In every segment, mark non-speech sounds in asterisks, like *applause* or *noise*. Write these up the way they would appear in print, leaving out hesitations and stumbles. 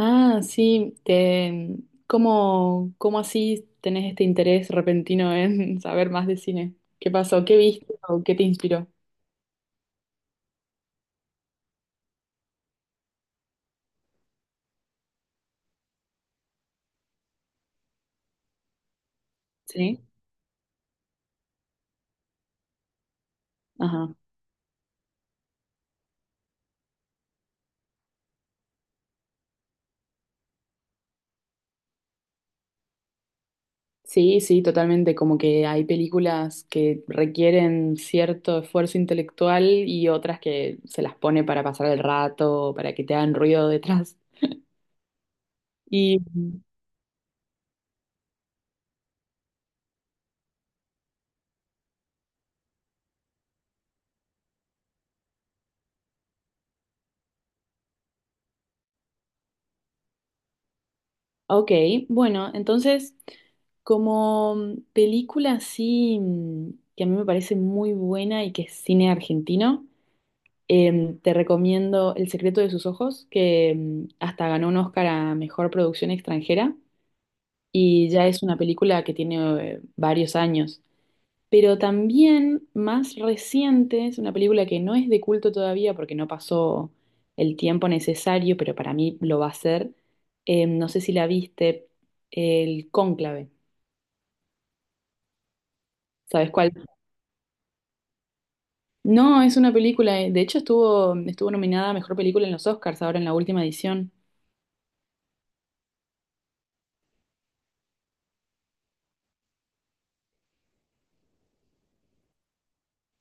Ah, sí, te, ¿cómo, cómo así tenés este interés repentino en *laughs* saber más de cine? ¿Qué pasó? ¿Qué viste o qué te inspiró? Sí. Ajá. Sí, sí, totalmente. Como que hay películas que requieren cierto esfuerzo intelectual y otras que se las pone para pasar el rato, para que te hagan ruido detrás. Y ok, bueno, entonces, como película así que a mí me parece muy buena y que es cine argentino, te recomiendo El secreto de sus ojos, que hasta ganó un Oscar a mejor producción extranjera y ya es una película que tiene varios años. Pero también más reciente, es una película que no es de culto todavía porque no pasó el tiempo necesario, pero para mí lo va a ser. No sé si la viste, El Cónclave. ¿Sabes cuál? No, es una película, de hecho estuvo nominada a Mejor Película en los Oscars ahora en la última edición.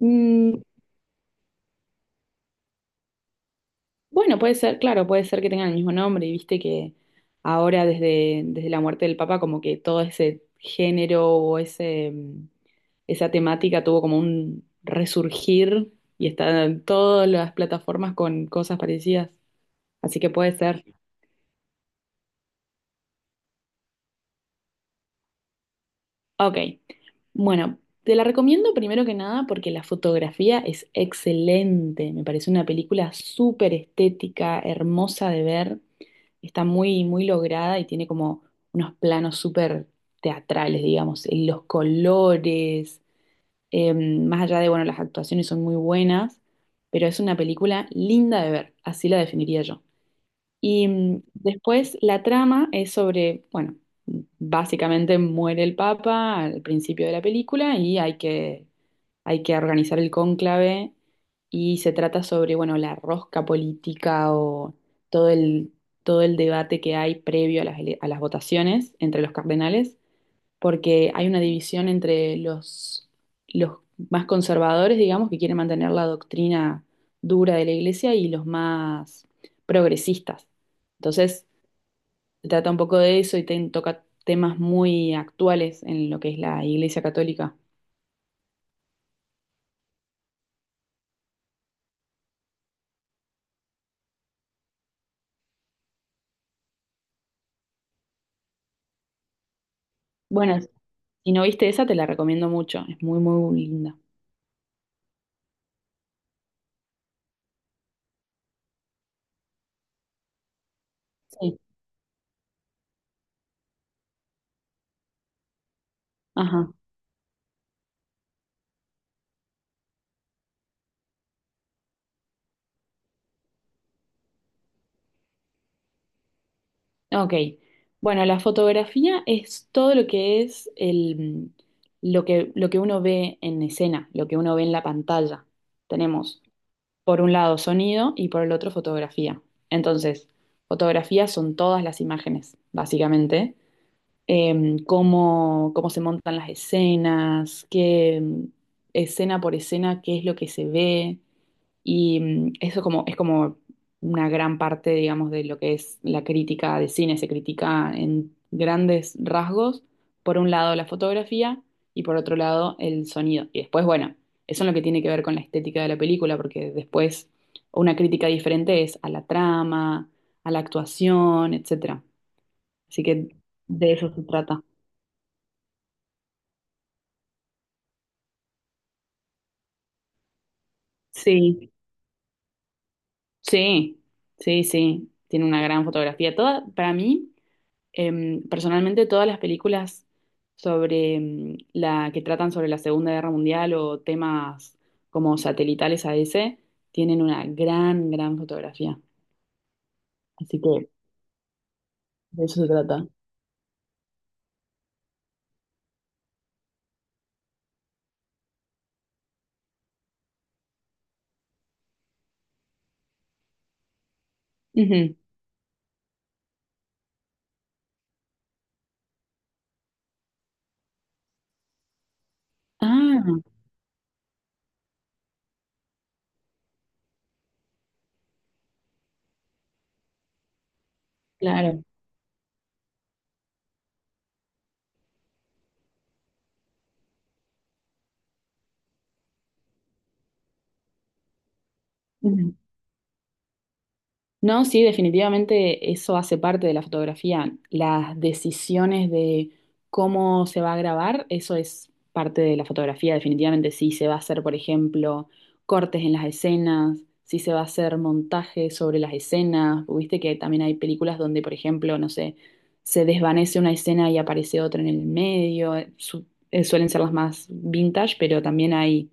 Mm. Bueno, puede ser, claro, puede ser que tengan el mismo nombre y viste que desde la muerte del Papa como que todo ese género o ese, mm, esa temática tuvo como un resurgir y están en todas las plataformas con cosas parecidas, así que puede ser. Ok, bueno, te la recomiendo primero que nada porque la fotografía es excelente, me parece una película súper estética, hermosa de ver. Está muy, muy lograda y tiene como unos planos súper teatrales, digamos, y los colores, más allá de, bueno, las actuaciones son muy buenas, pero es una película linda de ver, así la definiría yo. Y mm, después la trama es sobre, bueno, básicamente muere el Papa al principio de la película y hay que organizar el cónclave y se trata sobre, bueno, la rosca política o todo el, todo el debate que hay previo a las, a las votaciones entre los cardenales, porque hay una división entre los más conservadores, digamos, que quieren mantener la doctrina dura de la iglesia y los más progresistas. Entonces, se trata un poco de eso y toca temas muy actuales en lo que es la iglesia católica. Bueno, si no viste esa, te la recomiendo mucho. Es muy, muy linda. Sí. Ajá. Ok. Bueno, la fotografía es todo lo que es mm, lo que uno ve en escena, lo que uno ve en la pantalla. Tenemos por un lado sonido y por el otro fotografía. Entonces, fotografías son todas las imágenes, básicamente. Em, cómo se montan las escenas, qué escena por escena, qué es lo que se ve. Y mm, es como una gran parte, digamos, de lo que es la crítica de cine. Se critica en grandes rasgos, por un lado la fotografía y por otro lado el sonido. Y después, bueno, eso es lo que tiene que ver con la estética de la película, porque después una crítica diferente es a la trama, a la actuación, etcétera. Así que de eso se trata. Sí, sí, sí, sí. Tiene una gran fotografía. Toda, para mí. Em, personalmente, todas las películas sobre la que tratan sobre la Segunda Guerra Mundial o temas como satelitales a ese tienen una gran, gran fotografía. Así que de eso se trata. Ujú. Ah, claro. No, sí, definitivamente eso hace parte de la fotografía. Las decisiones de cómo se va a grabar, eso es parte de la fotografía, definitivamente. Si se va a hacer, por ejemplo, cortes en las escenas, si se va a hacer montaje sobre las escenas. Viste que también hay películas donde, por ejemplo, no sé, se desvanece una escena y aparece otra en el medio. Suelen ser las más vintage, pero también hay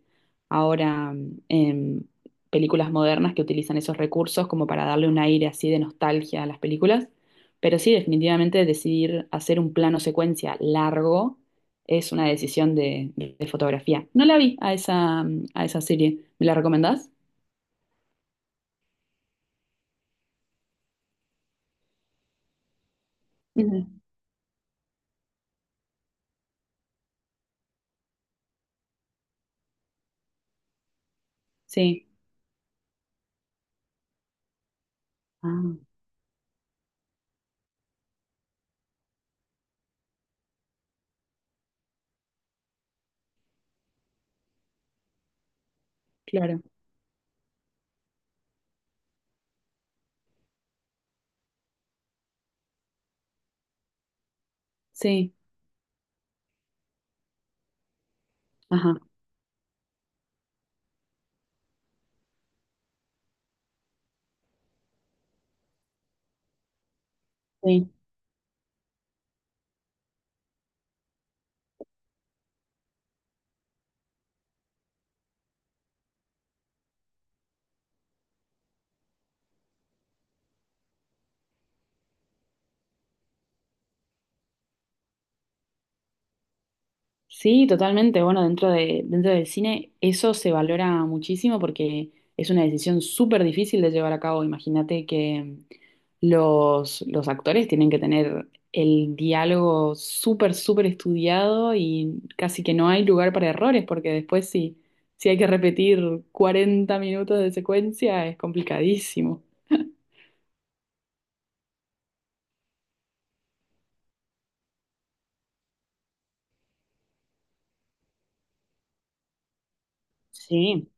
ahora em, películas modernas que utilizan esos recursos como para darle un aire así de nostalgia a las películas. Pero sí, definitivamente decidir hacer un plano secuencia largo es una decisión de fotografía. No la vi a esa serie. ¿Me la recomendás? Ujú. Sí. Ah, claro. Sí. Ajá. Sí. Sí, totalmente. Bueno, dentro del cine eso se valora muchísimo porque es una decisión súper difícil de llevar a cabo. Imagínate que los actores tienen que tener el diálogo súper, súper estudiado y casi que no hay lugar para errores porque después si hay que repetir 40 minutos de secuencia es complicadísimo. Sí,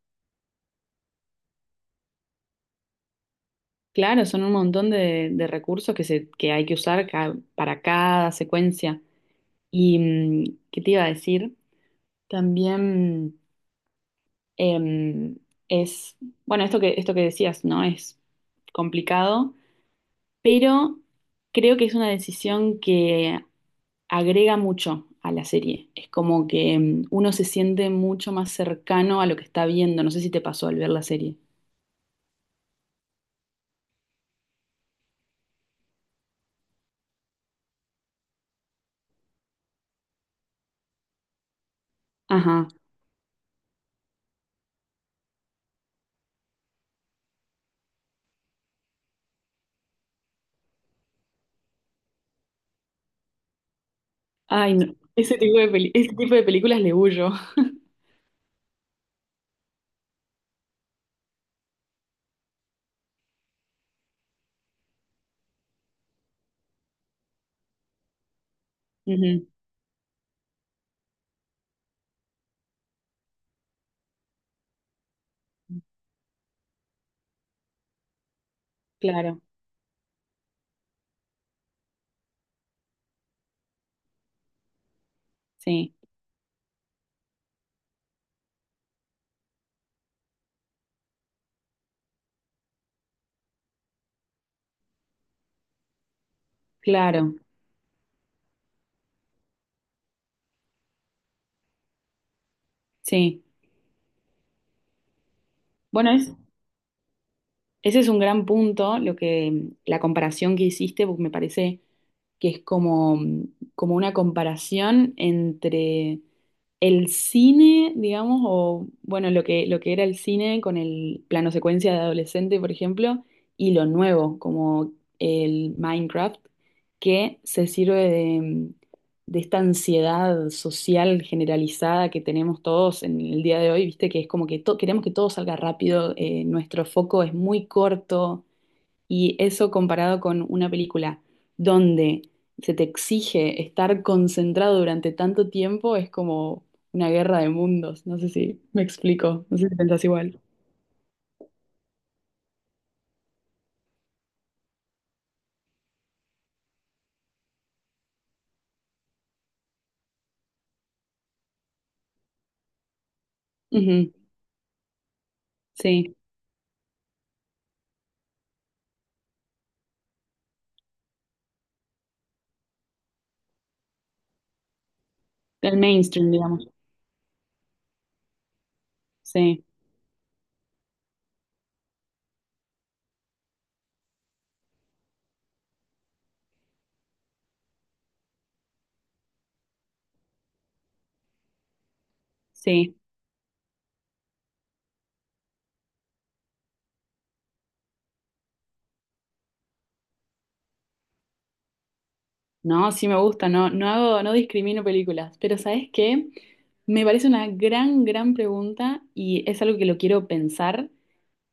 claro, son un montón de recursos que hay que usar para cada secuencia. Y, mm, ¿qué te iba a decir? También em, es, bueno, esto que decías, ¿no? Es complicado, pero creo que es una decisión que agrega mucho a la serie. Es como que uno se siente mucho más cercano a lo que está viendo. No sé si te pasó al ver la serie. Ajá. Ay, no. Ese tipo de películas le huyo. *laughs* Ujú, claro, sí, claro, sí. Bueno, es, ese es un gran punto, lo que la comparación que hiciste, porque me parece que es como una comparación entre el cine, digamos, o bueno, lo que era el cine con el plano secuencia de adolescente, por ejemplo, y lo nuevo, como el Minecraft, que se sirve de esta ansiedad social generalizada que tenemos todos en el día de hoy, viste, que es como que queremos que todo salga rápido, nuestro foco es muy corto y eso comparado con una película donde se te exige estar concentrado durante tanto tiempo es como una guerra de mundos. No sé si me explico, no sé si pensás igual. Ujú, sí, el mainstream, digamos. Sí, sí. No, sí me gusta, no, no hago, no discrimino películas, pero ¿sabes qué? Me parece una gran, gran pregunta y es algo que lo quiero pensar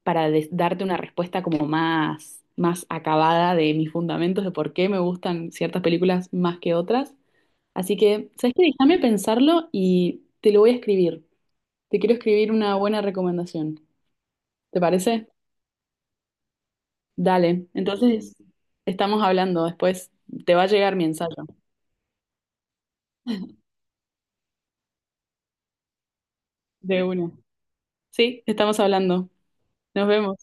para darte una respuesta como más, más acabada de mis fundamentos de por qué me gustan ciertas películas más que otras. Así que, ¿sabes qué? Déjame pensarlo y te lo voy a escribir. Te quiero escribir una buena recomendación. ¿Te parece? Dale. Entonces, estamos hablando. Después te va a llegar mi ensayo. De una. Sí, estamos hablando. Nos vemos.